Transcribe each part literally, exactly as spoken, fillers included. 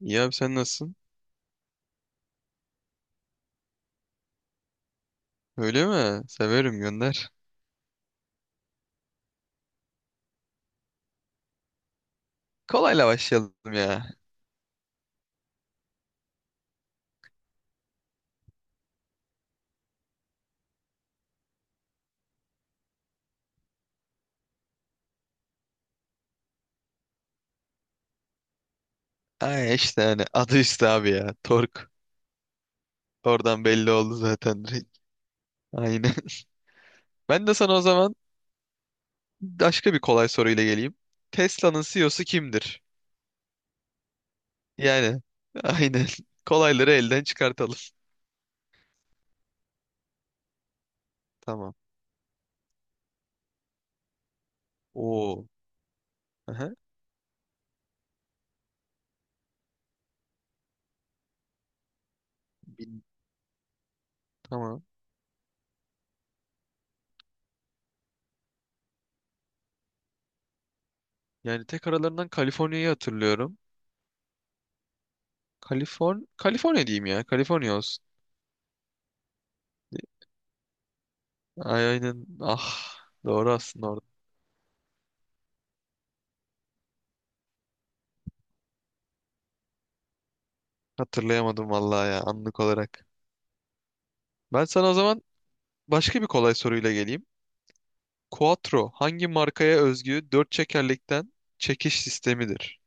İyi abi sen nasılsın? Öyle mi? Severim gönder. Kolayla başlayalım ya. Ay işte hani adı üstü abi ya. Tork. Oradan belli oldu zaten direkt. Aynen. Ben de sana o zaman başka bir kolay soruyla geleyim. Tesla'nın C E O'su kimdir? Yani aynen. Kolayları elden çıkartalım. Tamam. Oo. Aha. Bin- Tamam. Yani tek aralarından Kaliforniya'yı hatırlıyorum. Kaliforn Kaliforniya diyeyim ya. Kaliforniya olsun. Ay, aynen. Ah. Doğru aslında. Hatırlayamadım vallahi ya anlık olarak. Ben sana o zaman başka bir kolay soruyla geleyim. Quattro hangi markaya özgü dört çekerlikten çekiş sistemidir?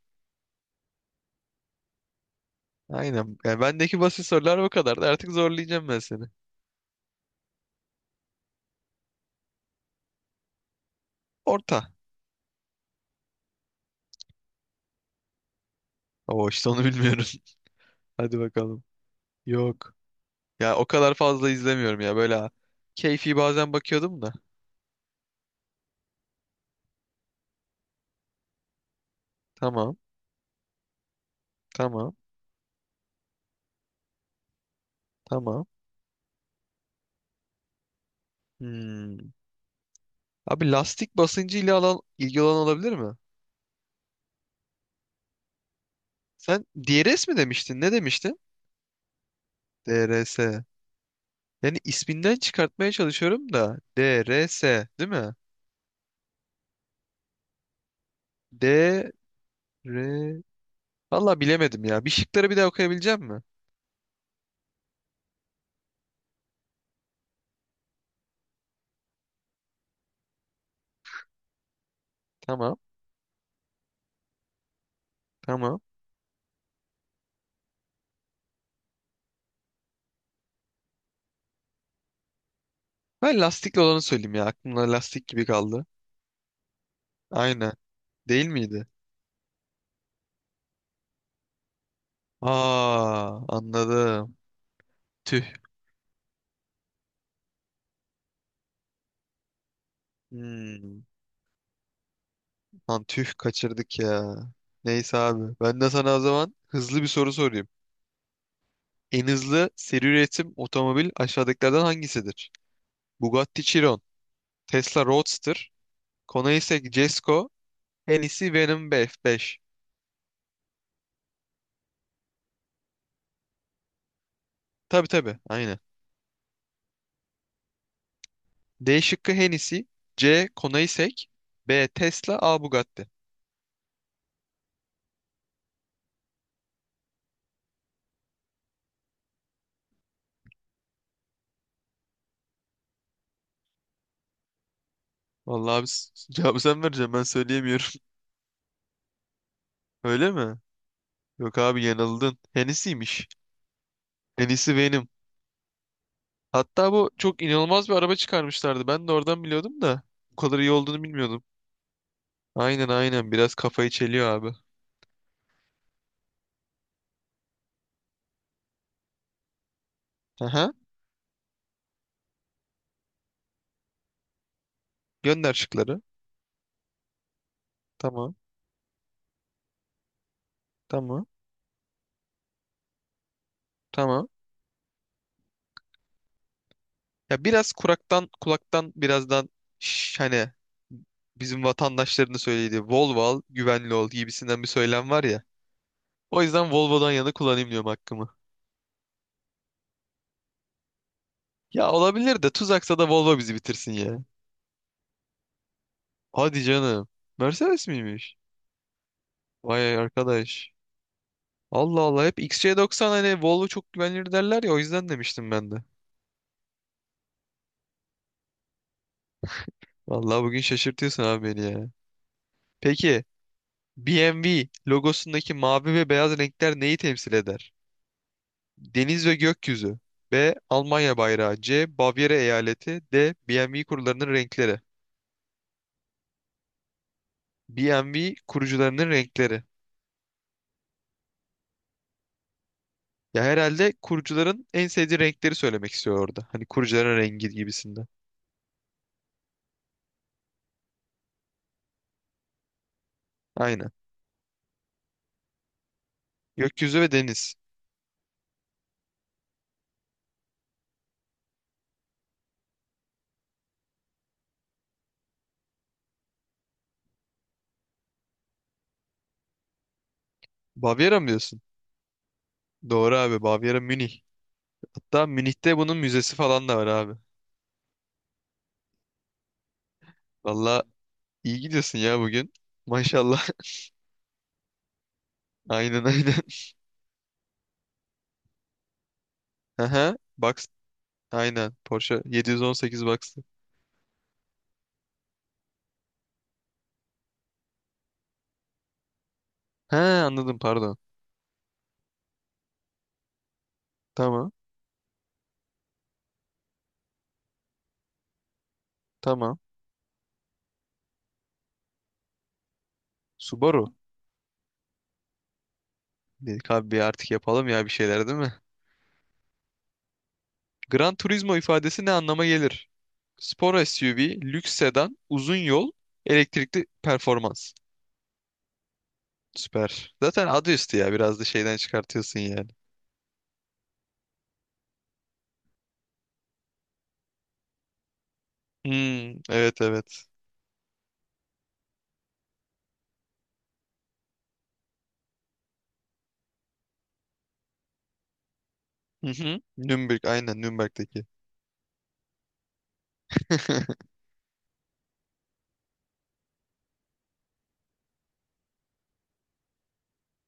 Aynen. Yani bendeki basit sorular bu kadar. Artık zorlayacağım ben seni. Orta. Oo işte onu bilmiyorum. Hadi bakalım. Yok. Ya o kadar fazla izlemiyorum ya böyle. Ha. Keyfi bazen bakıyordum da. Tamam. Tamam. Tamam. Hmm. Abi lastik basıncı ile alan ilgili olan olabilir mi? Sen D R S mi demiştin? Ne demiştin? D R S. Yani isminden çıkartmaya çalışıyorum da. D, R, S, değil mi? D, R... Valla bilemedim ya. Bir şıkları bir daha okuyabilecek mi? Tamam, tamam. Ben lastikli olanı söyleyeyim ya. Aklımda lastik gibi kaldı. Aynen. Değil miydi? Aa, anladım. Tüh. Hmm. Lan tüh kaçırdık ya. Neyse abi. Ben de sana o zaman hızlı bir soru sorayım. En hızlı seri üretim otomobil aşağıdakilerden hangisidir? Bugatti Chiron, Tesla Roadster, Koenigsegg Jesko, Hennessy Venom beş. Tabii tabii aynen. D şıkkı Hennessy. C. Konaisek. B. Tesla. A. Bugatti. Vallahi abi s- cevabı sen vereceksin ben söyleyemiyorum. Öyle mi? Yok abi yanıldın. Hennessy'ymiş. Hennessy Venom. Hatta bu çok inanılmaz bir araba çıkarmışlardı. Ben de oradan biliyordum da. Bu kadar iyi olduğunu bilmiyordum. Aynen, aynen, biraz kafayı çeliyor abi. Aha. Gönder şıkları. Tamam. Tamam. Tamam. Ya biraz kuraktan kulaktan birazdan şş, hani bizim vatandaşlarını söylediği Volvo al, güvenli ol gibisinden bir söylem var ya. O yüzden Volvo'dan yana kullanayım diyorum hakkımı. Ya olabilir de tuzaksa da Volvo bizi bitirsin ya. Hadi canım. Mercedes miymiş? Vay arkadaş. Allah Allah, hep X C doksan. Hani Volvo çok güvenilir derler ya, o yüzden demiştim ben de. Vallahi bugün şaşırtıyorsun abi beni ya. Peki B M W logosundaki mavi ve beyaz renkler neyi temsil eder? Deniz ve gökyüzü. B. Almanya bayrağı. C. Bavyera eyaleti. D. B M W kurularının renkleri. B M W kurucularının renkleri. Ya herhalde kurucuların en sevdiği renkleri söylemek istiyor orada. Hani kurucuların rengi gibisinden. Aynen. Gökyüzü ve deniz. Bavyera mı diyorsun? Doğru abi. Bavyera Münih. Hatta Münih'te bunun müzesi falan da var abi. Valla iyi gidiyorsun ya bugün. Maşallah. Aynen, aynen. Aha. Box. Aynen. Porsche yedi yüz on sekiz Box'tı. He anladım pardon. Tamam. Tamam. Subaru. Dedik abi bir artık yapalım ya bir şeyler, değil mi? Gran Turismo ifadesi ne anlama gelir? Spor S U V, lüks sedan, uzun yol, elektrikli performans. Süper. Zaten adı üstü ya. Biraz da şeyden çıkartıyorsun yani. Hmm, evet, evet. Hı hı. Nürnberg aynen, Nürnberg'deki.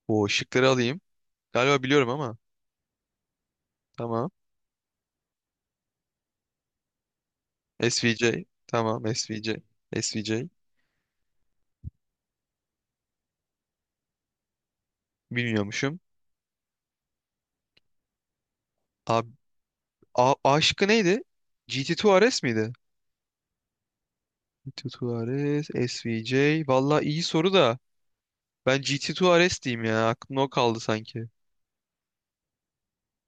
O şıkları alayım. Galiba biliyorum ama. Tamam. S V J. Tamam S V J. S V J. Bilmiyormuşum. Abi, A, A şıkkı neydi? G T iki R S miydi? G T Tuares, SVJ. Valla iyi soru da. Ben G T Tuares diyeyim ya. Aklımda o kaldı sanki.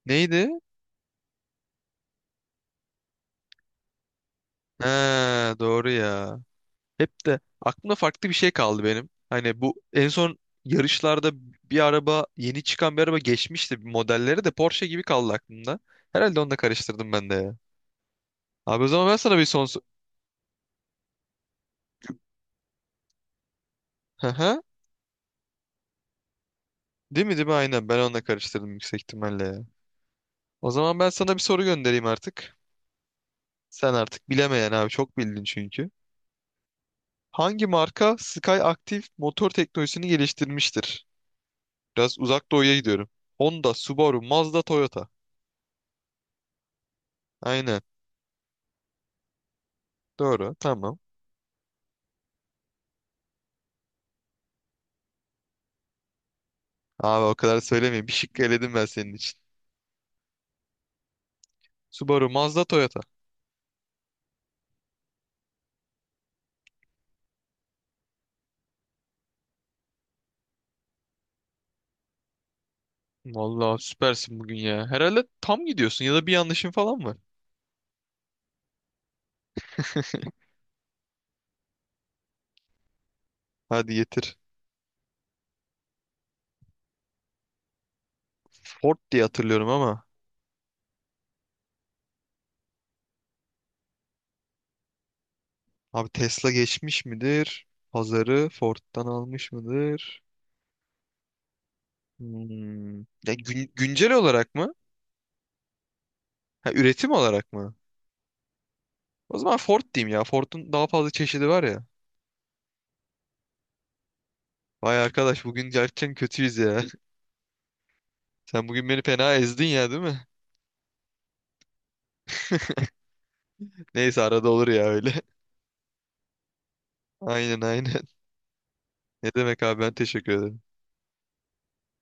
Neydi? He, doğru ya. Hep de aklımda farklı bir şey kaldı benim. Hani bu en son yarışlarda bir araba, yeni çıkan bir araba geçmişti. Modelleri de Porsche gibi kaldı aklımda. Herhalde onu da karıştırdım ben de ya. Abi o zaman ben sana bir son... so- Hı hı. Değil mi, değil mi? Aynen ben onu da karıştırdım yüksek ihtimalle ya. O zaman ben sana bir soru göndereyim artık. Sen artık bilemeyen abi, çok bildin çünkü. Hangi marka Sky Active motor teknolojisini geliştirmiştir? Biraz uzak doğuya gidiyorum. Honda, Subaru, Mazda, Toyota. Aynen. Doğru. Tamam. Abi o kadar söylemeyeyim. Bir şıkkı eledim ben senin için. Subaru, Mazda, Toyota. Vallahi süpersin bugün ya. Herhalde tam gidiyorsun ya da bir yanlışın falan var. Hadi getir. Ford diye hatırlıyorum ama. Abi Tesla geçmiş midir? Pazarı Ford'dan almış mıdır? Hmm. Ya gün- güncel olarak mı? Ha, üretim olarak mı? O zaman Ford diyeyim ya. Ford'un daha fazla çeşidi var ya. Vay arkadaş bugün gerçekten kötüyüz ya. Sen bugün beni fena ezdin ya, değil mi? Neyse arada olur ya öyle. Aynen, aynen. Ne demek abi, ben teşekkür ederim.